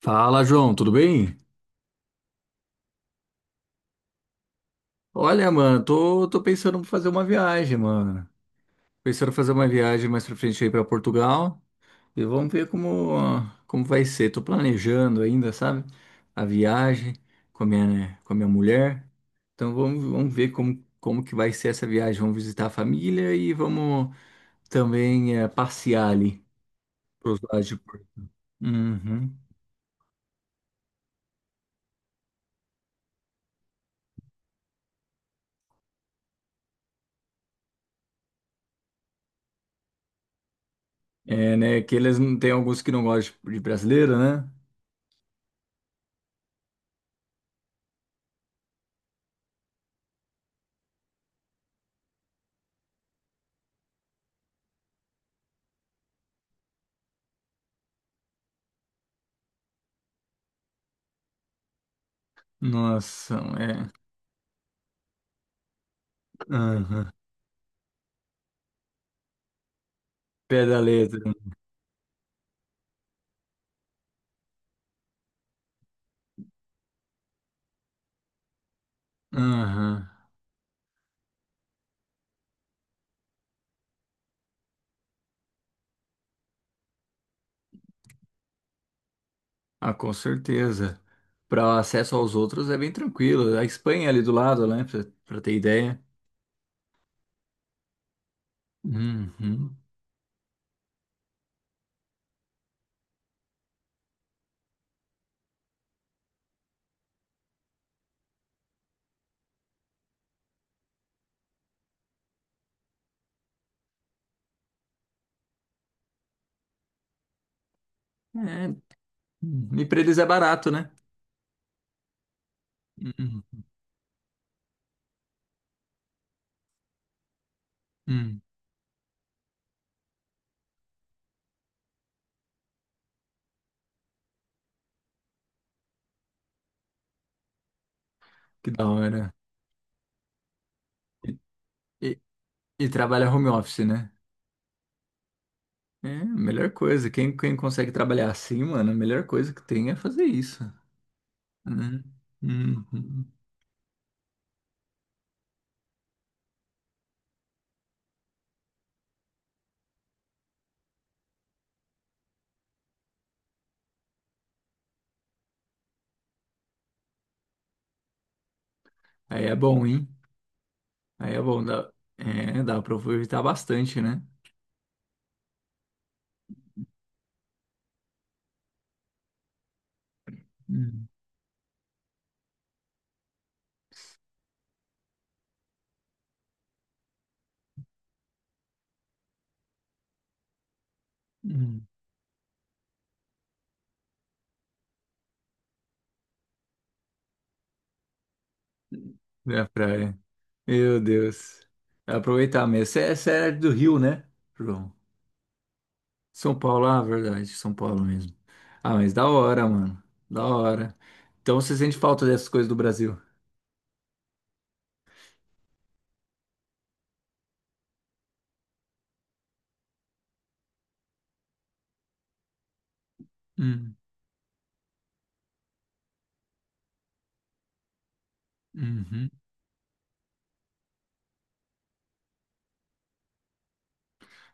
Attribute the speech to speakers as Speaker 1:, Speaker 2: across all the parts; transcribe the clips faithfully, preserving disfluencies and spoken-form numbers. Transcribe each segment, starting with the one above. Speaker 1: Fala, João, tudo bem? Olha, mano, tô, tô pensando em fazer uma viagem, mano. Pensando em fazer uma viagem mais pra frente aí pra Portugal e vamos ver como, como vai ser. Tô planejando ainda, sabe? A viagem com a minha, né, com a minha mulher. Então vamos, vamos ver como, como que vai ser essa viagem. Vamos visitar a família e vamos também eh, passear ali pros lados de Portugal. Uhum. É, né? Que eles não tem alguns que não gostam de brasileiro, né? Nossa, é. Aham. Pé da letra. Aham. Ah, com certeza. Para acesso aos outros é bem tranquilo. A Espanha é ali do lado, né? Para ter ideia. Uhum. É. Uhum. E para eles é barato, né? Uhum. Uhum. Que da hora. E, e- e trabalha home office, né? É, a melhor coisa. Quem, quem consegue trabalhar assim, mano, a melhor coisa que tem é fazer isso, né? Uhum. Aí é bom, hein? Aí é bom. Dá, é, dá para aproveitar bastante, né? Uhum. Uhum. É, pra- é. Meu Deus. Aproveitar mesmo. Você é, você é do Rio, né, João? São Paulo, ah, verdade, São Paulo mesmo. Ah, mas da hora, mano. Da hora. Então você sente falta dessas coisas do Brasil? Hum, uhum.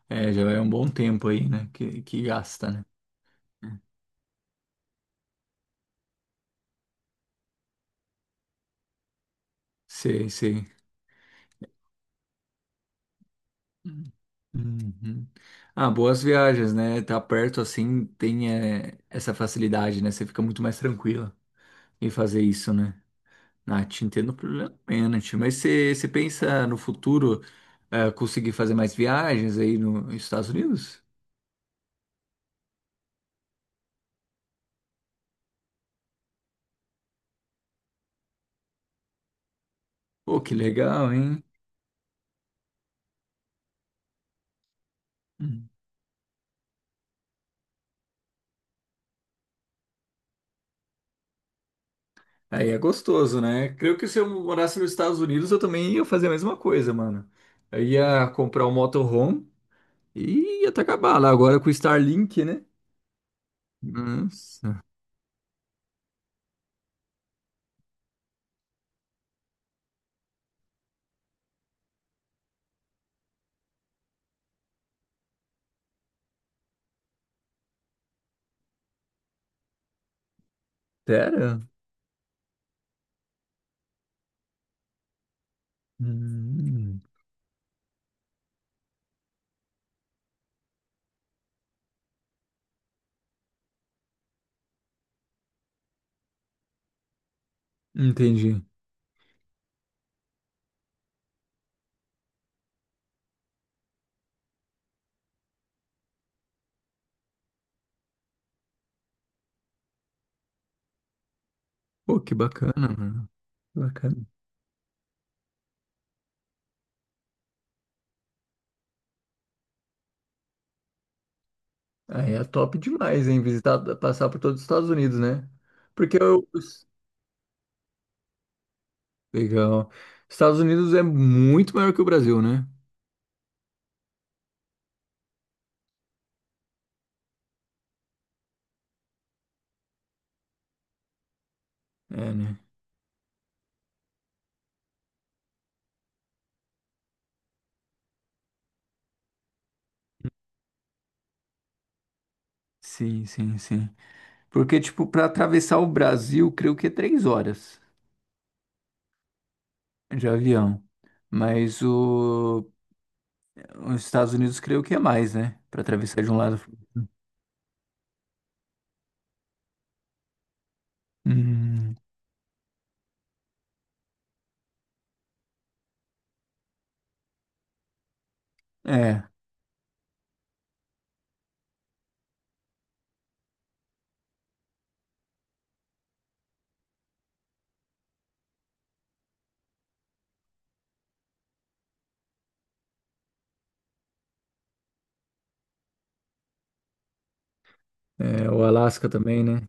Speaker 1: É, já é um bom tempo aí, né? Que, que gasta, né? Sei, sei. Uhum. Ah, boas viagens, né? Tá perto assim, tem é, essa facilidade, né? Você fica muito mais tranquila em fazer isso, né? Ah, te entendo plenamente, mas você você pensa no futuro eh, conseguir fazer mais viagens aí no- nos Estados Unidos? Pô, que legal, hein? Hum. Aí é gostoso, né? Creio que se eu morasse nos Estados Unidos, eu também ia fazer a mesma coisa, mano. Eu ia comprar um motorhome e ia até acabar lá agora com o Starlink, né? Nossa, sério? Hum, entendi. Pô, que bacana, mano. Que bacana. Aí é top demais, hein? Visitar, passar por todos os Estados Unidos, né? Porque eu... Legal. Estados Unidos é muito maior que o Brasil, né? É, né? Sim, sim, sim. Porque, tipo, para atravessar o Brasil, creio que é três horas de avião. Mas o... os Estados Unidos, creio que é mais, né? Para atravessar de um lado. Hum, é. É, o Alasca também, né?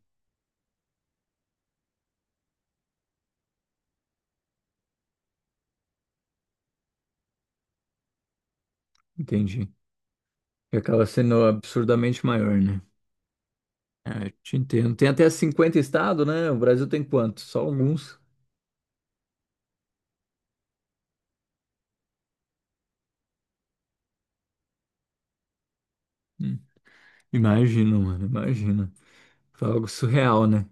Speaker 1: Entendi. Que acaba sendo absurdamente maior, né? É, eu te entendo. Tem até cinquenta estados, né? O Brasil tem quantos? Só alguns. Hum. Imagina, mano, imagina. Foi algo surreal, né?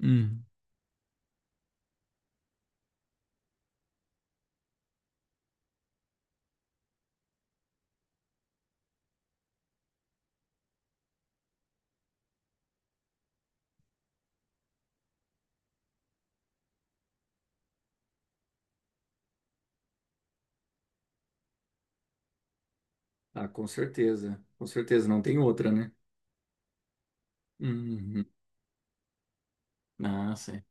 Speaker 1: Hum. Ah, com certeza. Com certeza, não tem outra, né? Uhum. Ah, sim.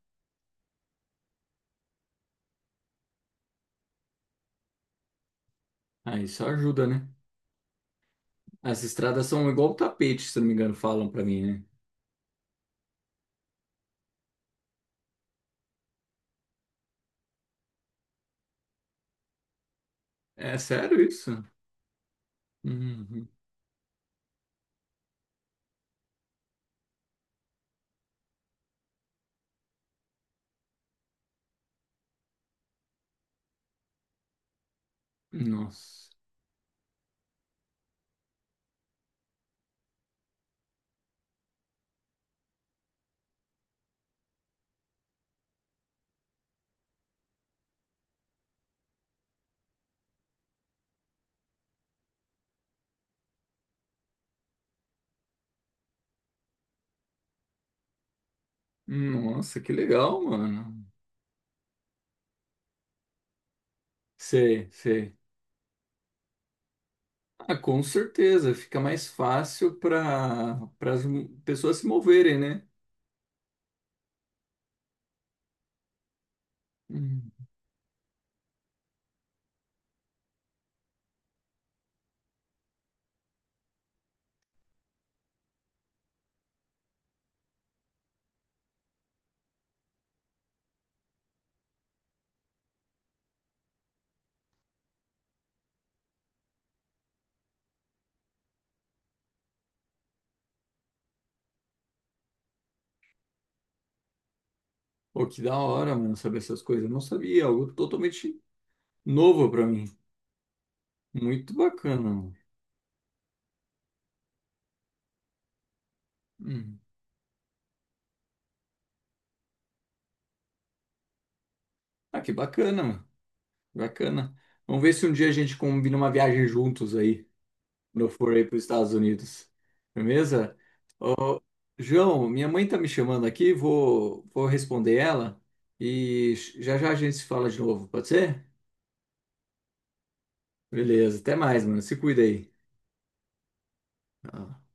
Speaker 1: Ah, isso ajuda, né? As estradas são igual tapete, se não me engano, falam pra mim, né? É sério isso? Uhum. Nossa. Nossa, que legal, mano. Sei, sei. Ah, com certeza, fica mais fácil para para as pessoas se moverem, né? Hum. Pô, que da hora, mano, saber essas coisas. Eu não sabia, algo totalmente novo pra mim. Muito bacana, mano. Hum. Ah, que bacana, mano. Bacana. Vamos ver se um dia a gente combina uma viagem juntos aí, quando eu for aí pros Estados Unidos. Beleza? Ô, João, minha mãe tá me chamando aqui, vou, vou responder ela e já já a gente se fala de novo, pode ser? Beleza, até mais, mano. Se cuida aí. Tá.